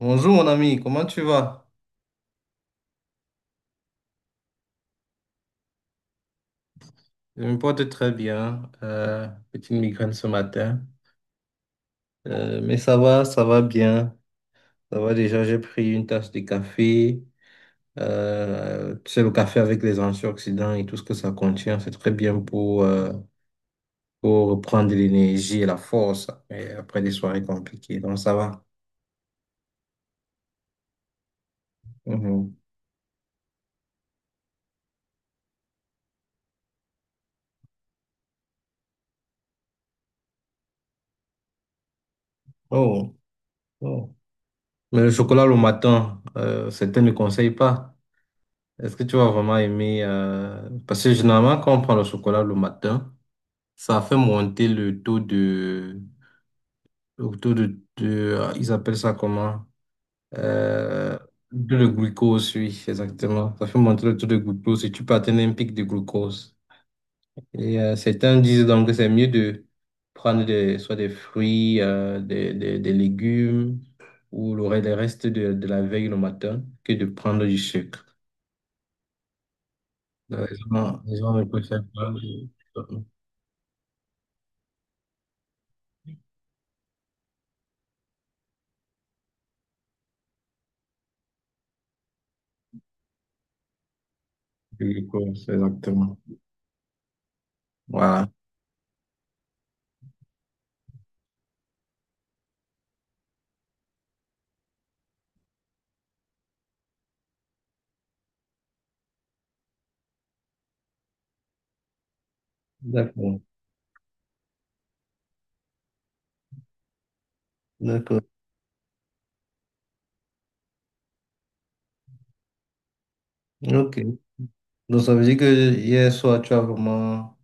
Bonjour mon ami, comment tu vas? Je me porte très bien, petite migraine ce matin. Mais ça va bien. Ça va déjà, j'ai pris une tasse de café. Tu sais, le café avec les antioxydants et tout ce que ça contient, c'est très bien pour reprendre de l'énergie et la force et après des soirées compliquées, donc ça va. Mhm. Oh, oh. Mais le chocolat le matin, certains ne conseillent pas. Est-ce que tu vas vraiment aimer? Parce que généralement, quand on prend le chocolat le matin, ça fait monter le taux de. Le taux ah, ils appellent ça comment? Euh, de le glucose, oui, exactement. Ça fait monter le taux de glucose et tu peux atteindre un pic de glucose. Et certains disent donc que c'est mieux de prendre des, soit des fruits, des légumes ou les restes de la veille le matin que de prendre du sucre. Da, Zona, zona conceitual e e coisa, exactement. Voilà. D'accord. D'accord. Ok. Donc ça veut dire que hier soir, tu as vraiment.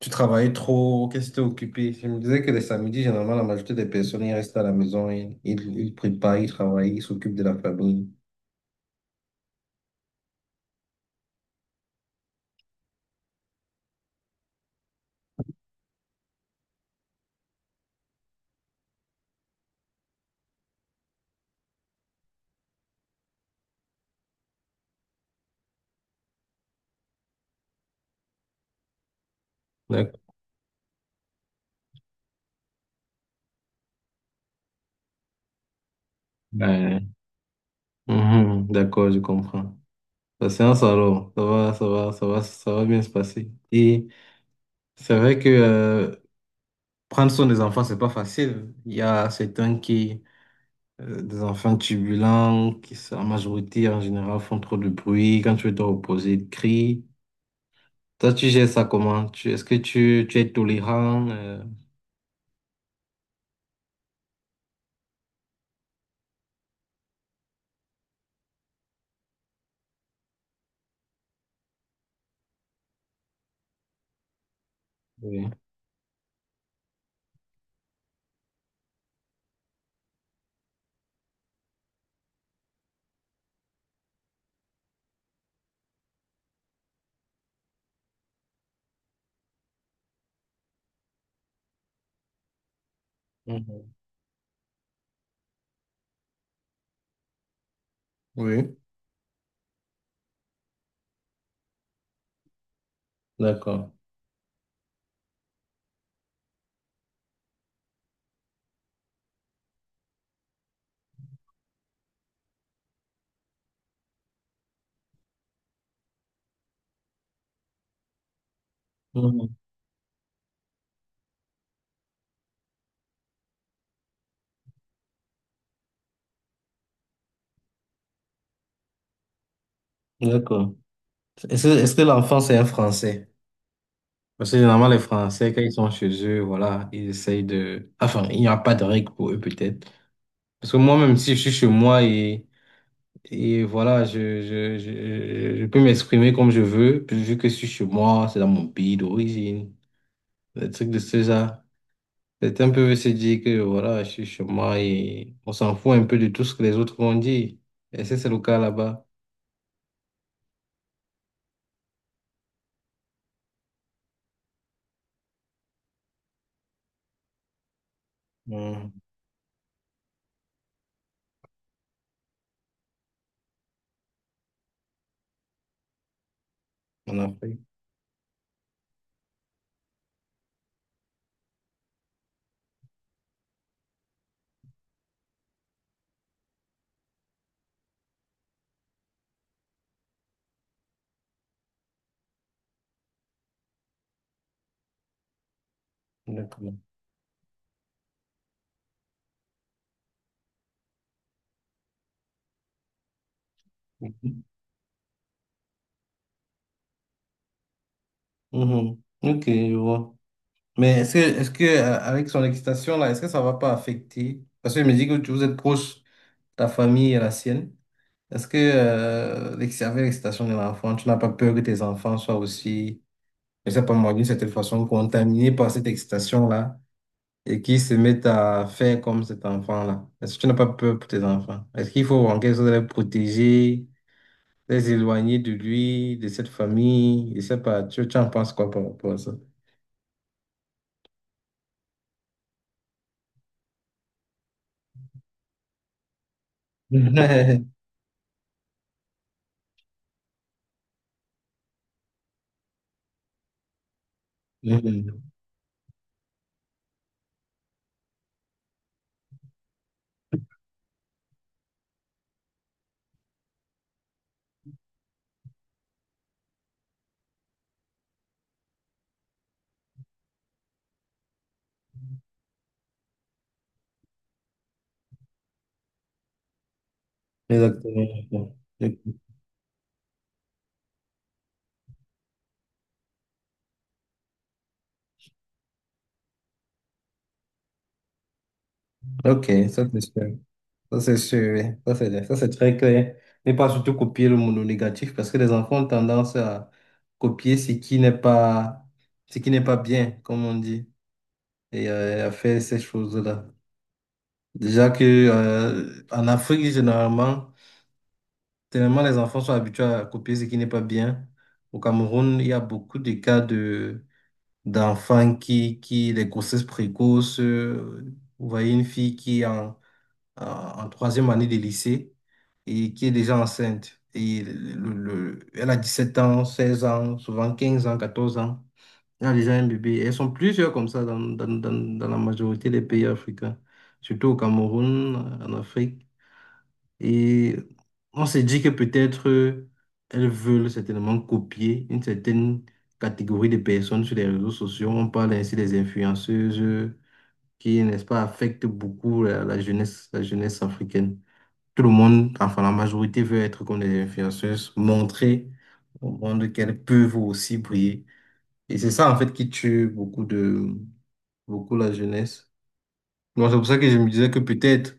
Tu travaillais trop, qu'est-ce que tu occupé? Je me disais que les samedis, généralement, la majorité des personnes, ils restent à la maison, ils préparent, ils travaillent, ils s'occupent de la famille. D'accord. Ouais. Mhm, d'accord, je comprends. La séance alors, ça va, ça va, ça va, ça va bien se passer. Et c'est vrai que prendre soin des enfants, c'est pas facile. Il y a certains qui, des enfants turbulents, qui en majorité, en général, font trop de bruit. Quand tu veux te reposer, ils crient. Toi, tu gères ça comment? Est-ce que tu es tolérant? Oui. Mhm. Oui. D'accord. Mhm. D'accord. Est-ce que l'enfant, c'est un Français? Parce que généralement, les Français, quand ils sont chez eux, voilà, ils essayent de. Enfin, il n'y a pas de règles pour eux, peut-être. Parce que moi, même si je suis chez moi et. Et voilà, je peux m'exprimer comme je veux, puis vu que je suis chez moi, c'est dans mon pays d'origine, des trucs de ce genre. Certains peuvent se dire que voilà, je suis chez moi et on s'en fout un peu de tout ce que les autres vont dire. Et ça, c'est le cas là-bas, en en Afrique. D'accord. Mhm. Mhm. Ok, je vois. Mais est-ce que, avec son excitation là, est-ce que ça va pas affecter? Parce que je me dis que vous êtes proche, ta famille et la sienne. Est-ce que l'excitation de l'enfant, tu n'as pas peur que tes enfants soient aussi, je sais pas moi, d'une certaine façon, contaminés par cette excitation-là et qu'ils se mettent à faire comme cet enfant-là? Est-ce que tu n'as pas peur pour tes enfants? Est-ce qu'il faut en quelque sorte les protéger, les éloigner de lui, de cette famille? Je sais pas, tu en penses quoi par rapport à ça? Mhm. Exactement. Ok, ça c'est sûr. Ça, c'est sûr, oui. Ça, c'est très clair. Ne pas surtout copier le mono négatif parce que les enfants ont tendance à copier ce qui n'est pas, ce qui n'est pas bien, comme on dit, et à faire ces choses-là. Déjà que, en Afrique, généralement, tellement les enfants sont habitués à copier ce qui n'est pas bien. Au Cameroun, il y a beaucoup de cas de, d'enfants qui, les grossesses précoces, vous voyez une fille qui en troisième année de lycée et qui est déjà enceinte. Et elle a 17 ans, 16 ans, souvent 15 ans, 14 ans. Elle a déjà un bébé. Elles sont plusieurs comme ça dans la majorité des pays africains, surtout au Cameroun, en Afrique. Et on s'est dit que peut-être elles veulent certainement copier une certaine catégorie de personnes sur les réseaux sociaux. On parle ainsi des influenceuses qui, n'est-ce pas, affectent beaucoup la jeunesse, la jeunesse africaine. Tout le monde, enfin la majorité veut être comme des influenceuses, montrer au monde qu'elles peuvent aussi briller. Et c'est ça en fait qui tue beaucoup de beaucoup la jeunesse. Moi, c'est pour ça que je me disais que peut-être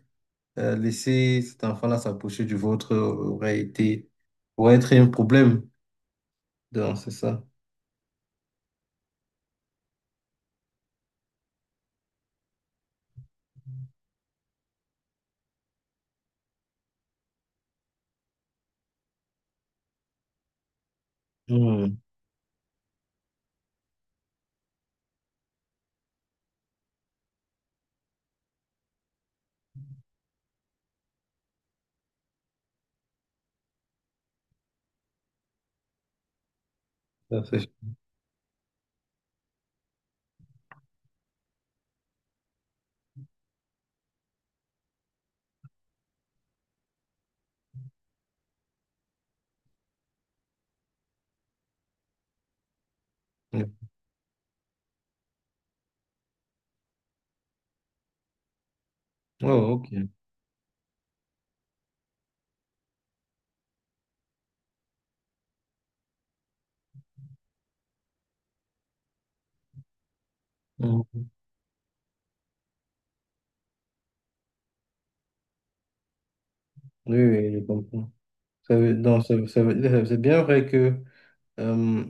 laisser cet enfant-là s'approcher du vôtre aurait été aurait être un problème. Donc, c'est ça. Hmm. ça, c'est- Oh, ok. Hmm. Oui, oui, je comprends. Ça veut- donc, ça veut- dire- c'est bien vrai que euh,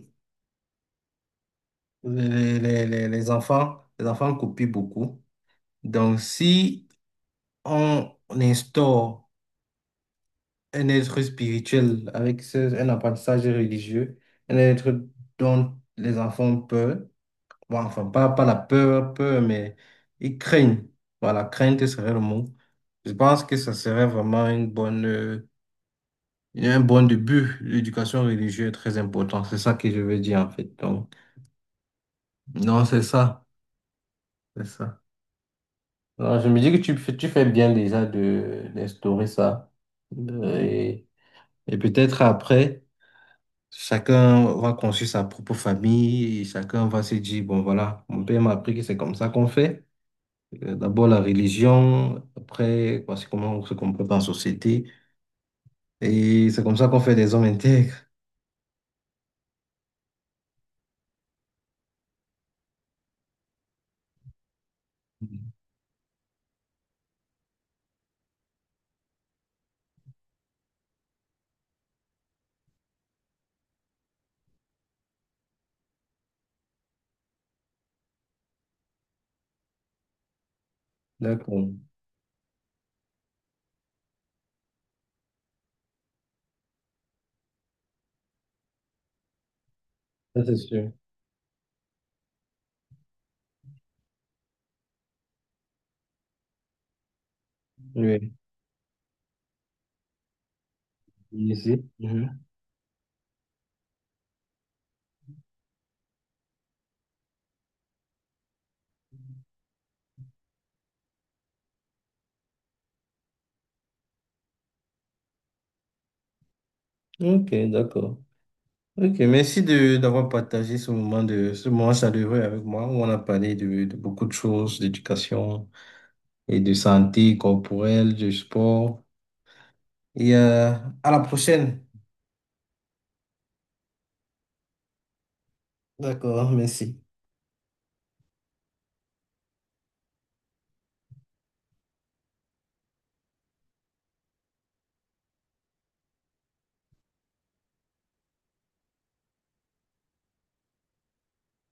les enfants copient beaucoup. Donc, si on instaure un être spirituel avec un apprentissage religieux, un être dont les enfants ont peur, bon, enfin, pas, pas la peur, peur, mais ils craignent. Voilà, crainte serait le mot. Je pense que ça serait vraiment une bonne, un bon début. L'éducation religieuse est très importante. C'est ça que je veux dire, en fait. Donc, non, c'est ça. C'est ça. Alors, je me dis que tu fais bien déjà d'instaurer ça. Euh, Et peut-être après, chacun va construire sa propre famille, et chacun va se dire, bon voilà, mon père m'a appris que c'est comme ça qu'on fait. D'abord la religion, après, voici comment on se comporte en société. Et c'est comme ça qu'on fait des hommes intègres. D'accord, ça c'est sûr. Oui, ici. Mhm. Ok, d'accord. Ok, merci de d'avoir partagé ce moment chaleureux avec moi où on a parlé de beaucoup de choses, d'éducation et de santé corporelle, du sport. Et à la prochaine. D'accord, merci.